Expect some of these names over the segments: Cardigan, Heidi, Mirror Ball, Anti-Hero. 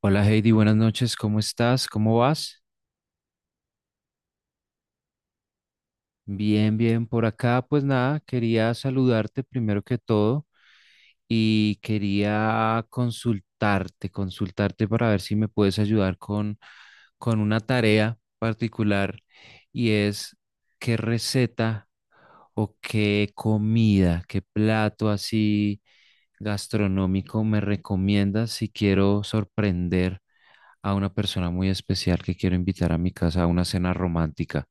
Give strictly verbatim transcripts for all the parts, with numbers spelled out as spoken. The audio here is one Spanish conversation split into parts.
Hola Heidi, buenas noches, ¿cómo estás? ¿Cómo vas? Bien, bien, por acá. Pues nada, quería saludarte primero que todo y quería consultarte, consultarte para ver si me puedes ayudar con, con una tarea particular y es qué receta o qué comida, qué plato así gastronómico me recomiendas si quiero sorprender a una persona muy especial que quiero invitar a mi casa a una cena romántica.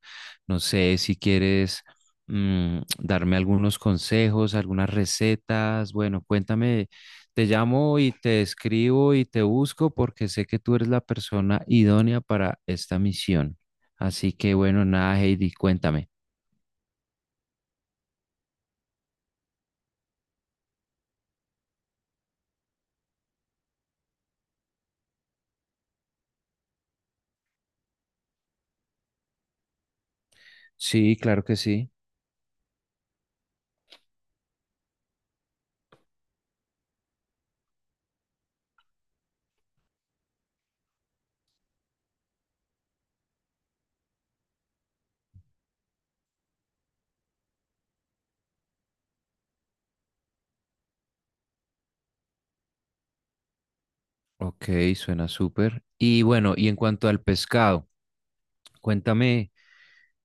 No sé si quieres mm, darme algunos consejos, algunas recetas. Bueno, cuéntame, te llamo y te escribo y te busco porque sé que tú eres la persona idónea para esta misión. Así que bueno, nada, Heidi, cuéntame. Sí, claro que sí. Ok, suena súper. Y bueno, y en cuanto al pescado, cuéntame,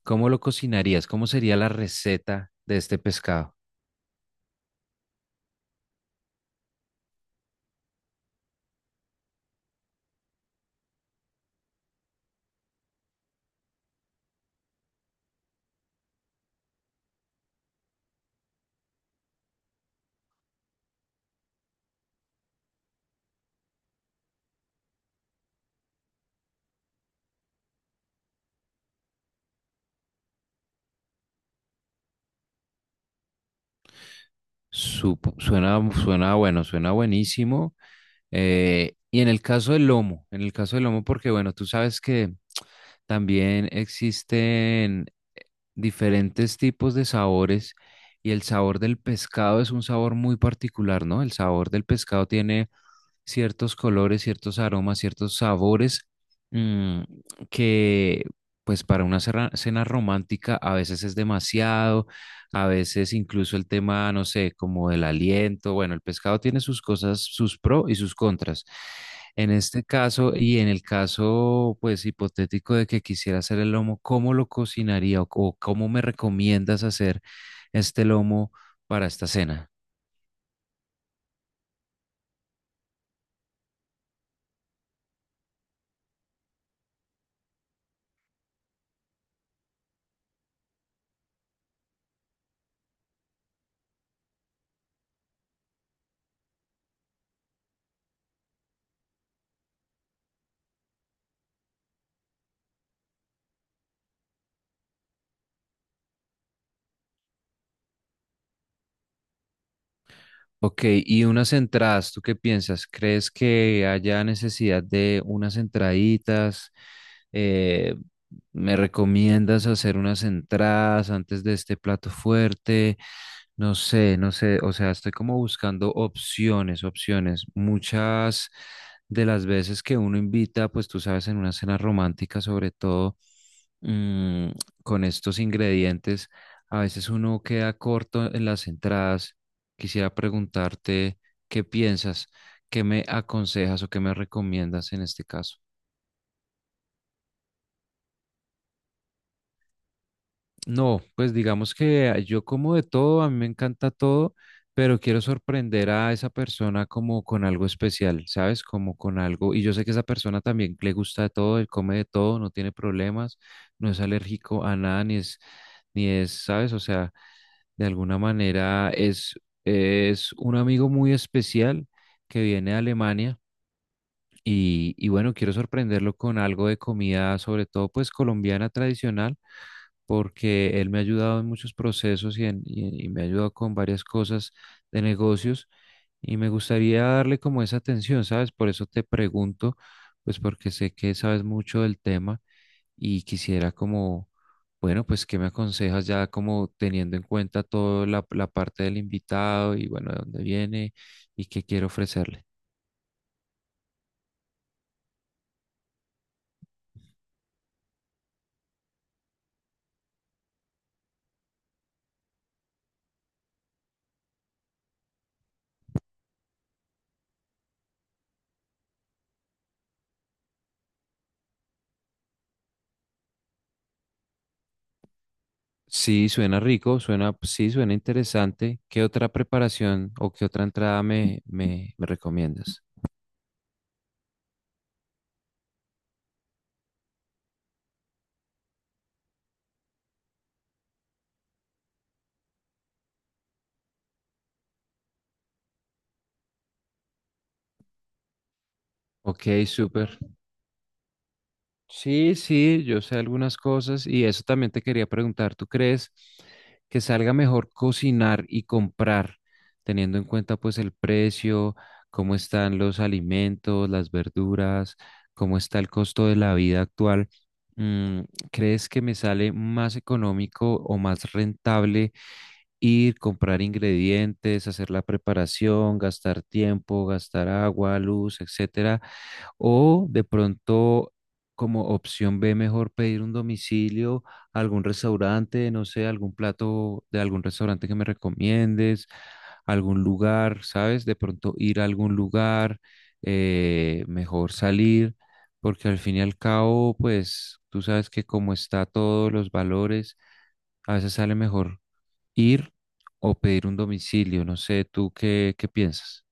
¿cómo lo cocinarías? ¿Cómo sería la receta de este pescado? Supo- suena, suena bueno, suena buenísimo. Eh, y en el caso del lomo, en el caso del lomo, porque bueno, tú sabes que también existen diferentes tipos de sabores y el sabor del pescado es un sabor muy particular, ¿no? El sabor del pescado tiene ciertos colores, ciertos aromas, ciertos sabores mm, que pues para una cena, cena romántica a veces es demasiado, a veces incluso el tema, no sé, como el aliento, bueno, el pescado tiene sus cosas, sus pro y sus contras. En este caso y en el caso pues hipotético de que quisiera hacer el lomo, ¿cómo lo cocinaría o o cómo me recomiendas hacer este lomo para esta cena? Ok, y unas entradas, ¿tú qué piensas? ¿Crees que haya necesidad de unas entraditas? Eh, ¿Me recomiendas hacer unas entradas antes de este plato fuerte? No sé, no sé, o sea, estoy como buscando opciones, opciones. Muchas de las veces que uno invita, pues tú sabes, en una cena romántica sobre todo mm, con estos ingredientes, a veces uno queda corto en las entradas. Quisiera preguntarte qué piensas, qué me aconsejas o qué me recomiendas en este caso. No, pues digamos que ah, yo como de todo, a mí me encanta todo, pero quiero sorprender a esa persona como con algo especial, ¿sabes? Como con algo, y yo sé que esa persona también le gusta de todo, él come de todo, no tiene problemas, no es alérgico a nada, ni es, ni es, ¿sabes? O sea, de alguna manera es, es un amigo muy especial que viene de Alemania y, y bueno, quiero sorprenderlo con algo de comida, sobre todo pues colombiana tradicional, porque él me ha ayudado en muchos procesos y, en- y- y me ha ayudado con varias cosas de negocios y me gustaría darle como esa atención, ¿sabes? Por eso te pregunto, pues porque sé que sabes mucho del tema y quisiera como, bueno, pues ¿qué me aconsejas ya como teniendo en cuenta toda la, la parte del invitado y bueno, de dónde viene y qué quiero ofrecerle? Sí, suena rico, suena, sí, suena interesante. ¿Qué otra preparación o qué otra entrada me, me, me recomiendas? Ok, súper. Sí, sí, yo sé algunas cosas y eso también te quería preguntar. ¿Tú crees que salga mejor cocinar y comprar, teniendo en cuenta pues el precio, cómo están los alimentos, las verduras, cómo está el costo de la vida actual? Mm, ¿Crees que me sale más económico o más rentable? Ir, comprar ingredientes, hacer la preparación, gastar tiempo, gastar agua, luz, etcétera. O de pronto, como opción B, mejor pedir un domicilio a algún restaurante, no sé, algún plato de algún restaurante que me recomiendes, algún lugar, ¿sabes? De pronto ir a algún lugar, eh, mejor salir. Porque al fin y al cabo, pues tú sabes que como está todos los valores, a veces sale mejor ir o pedir un domicilio. No sé, ¿tú qué, qué piensas?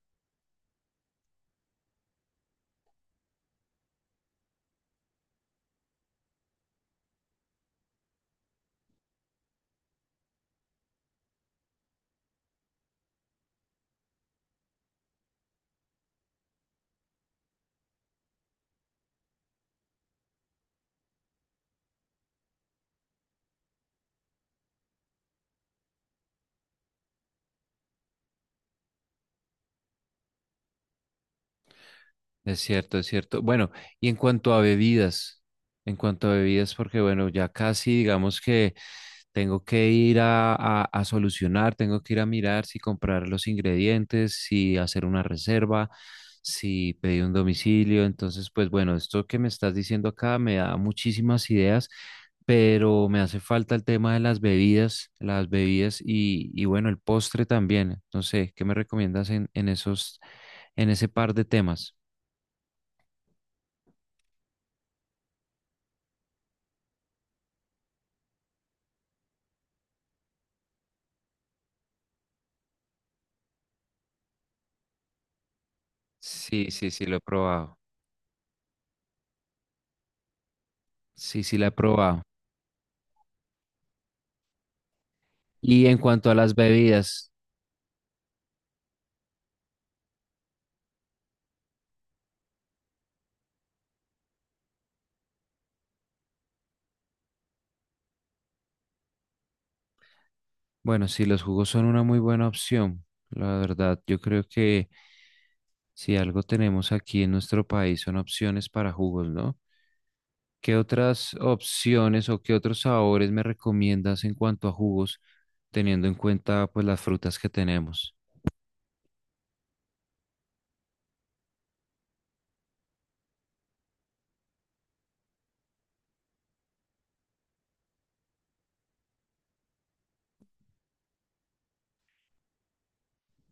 Es cierto, es cierto. Bueno, y en cuanto a bebidas, en cuanto a bebidas, porque bueno, ya casi digamos que tengo que ir a, a- a solucionar, tengo que ir a mirar si comprar los ingredientes, si hacer una reserva, si pedir un domicilio. Entonces, pues bueno, esto que me estás diciendo acá me da muchísimas ideas, pero me hace falta el tema de las bebidas, las bebidas y, y bueno, el postre también. No sé, ¿qué me recomiendas en, en esos, en ese par de temas? Sí, sí, sí, lo he probado. Sí, sí, la he probado. Y en cuanto a las bebidas. Bueno, sí, los jugos son una muy buena opción. La verdad, yo creo que si algo tenemos aquí en nuestro país son opciones para jugos, ¿no? ¿Qué otras opciones o qué otros sabores me recomiendas en cuanto a jugos, teniendo en cuenta pues las frutas que tenemos?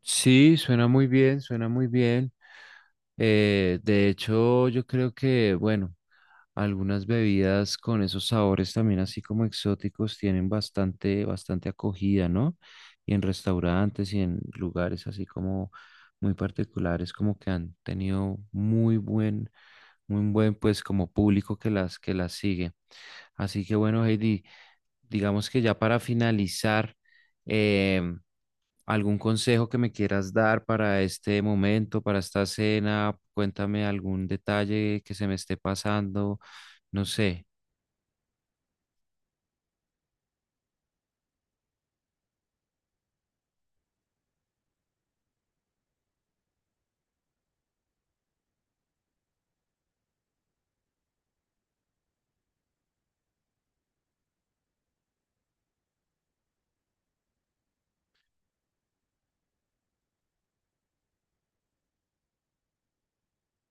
Sí, suena muy bien, suena muy bien. Eh, de hecho, yo creo que, bueno, algunas bebidas con esos sabores también así como exóticos tienen bastante, bastante acogida, ¿no? Y en restaurantes y en lugares así como muy particulares, como que han tenido muy buen, muy buen pues como público que las, que las sigue. Así que bueno, Heidi, digamos que ya para finalizar, em, algún consejo que me quieras dar para este momento, para esta cena, cuéntame algún detalle que se me esté pasando, no sé.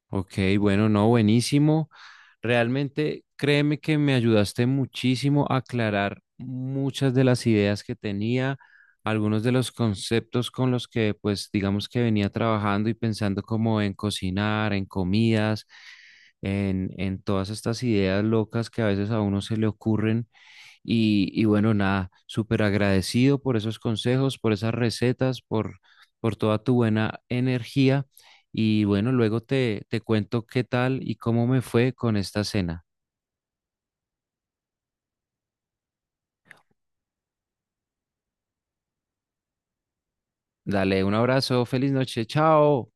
Ok, bueno, no, buenísimo. Realmente créeme que me ayudaste muchísimo a aclarar muchas de las ideas que tenía, algunos de los conceptos con los que pues digamos que venía trabajando y pensando como en cocinar, en comidas, en, en todas estas ideas locas que a veces a uno se le ocurren. Y, y bueno, nada, súper agradecido por esos consejos, por esas recetas, por, por toda tu buena energía. Y bueno, luego te, te cuento qué tal y cómo me fue con esta cena. Dale un abrazo, feliz noche, chao.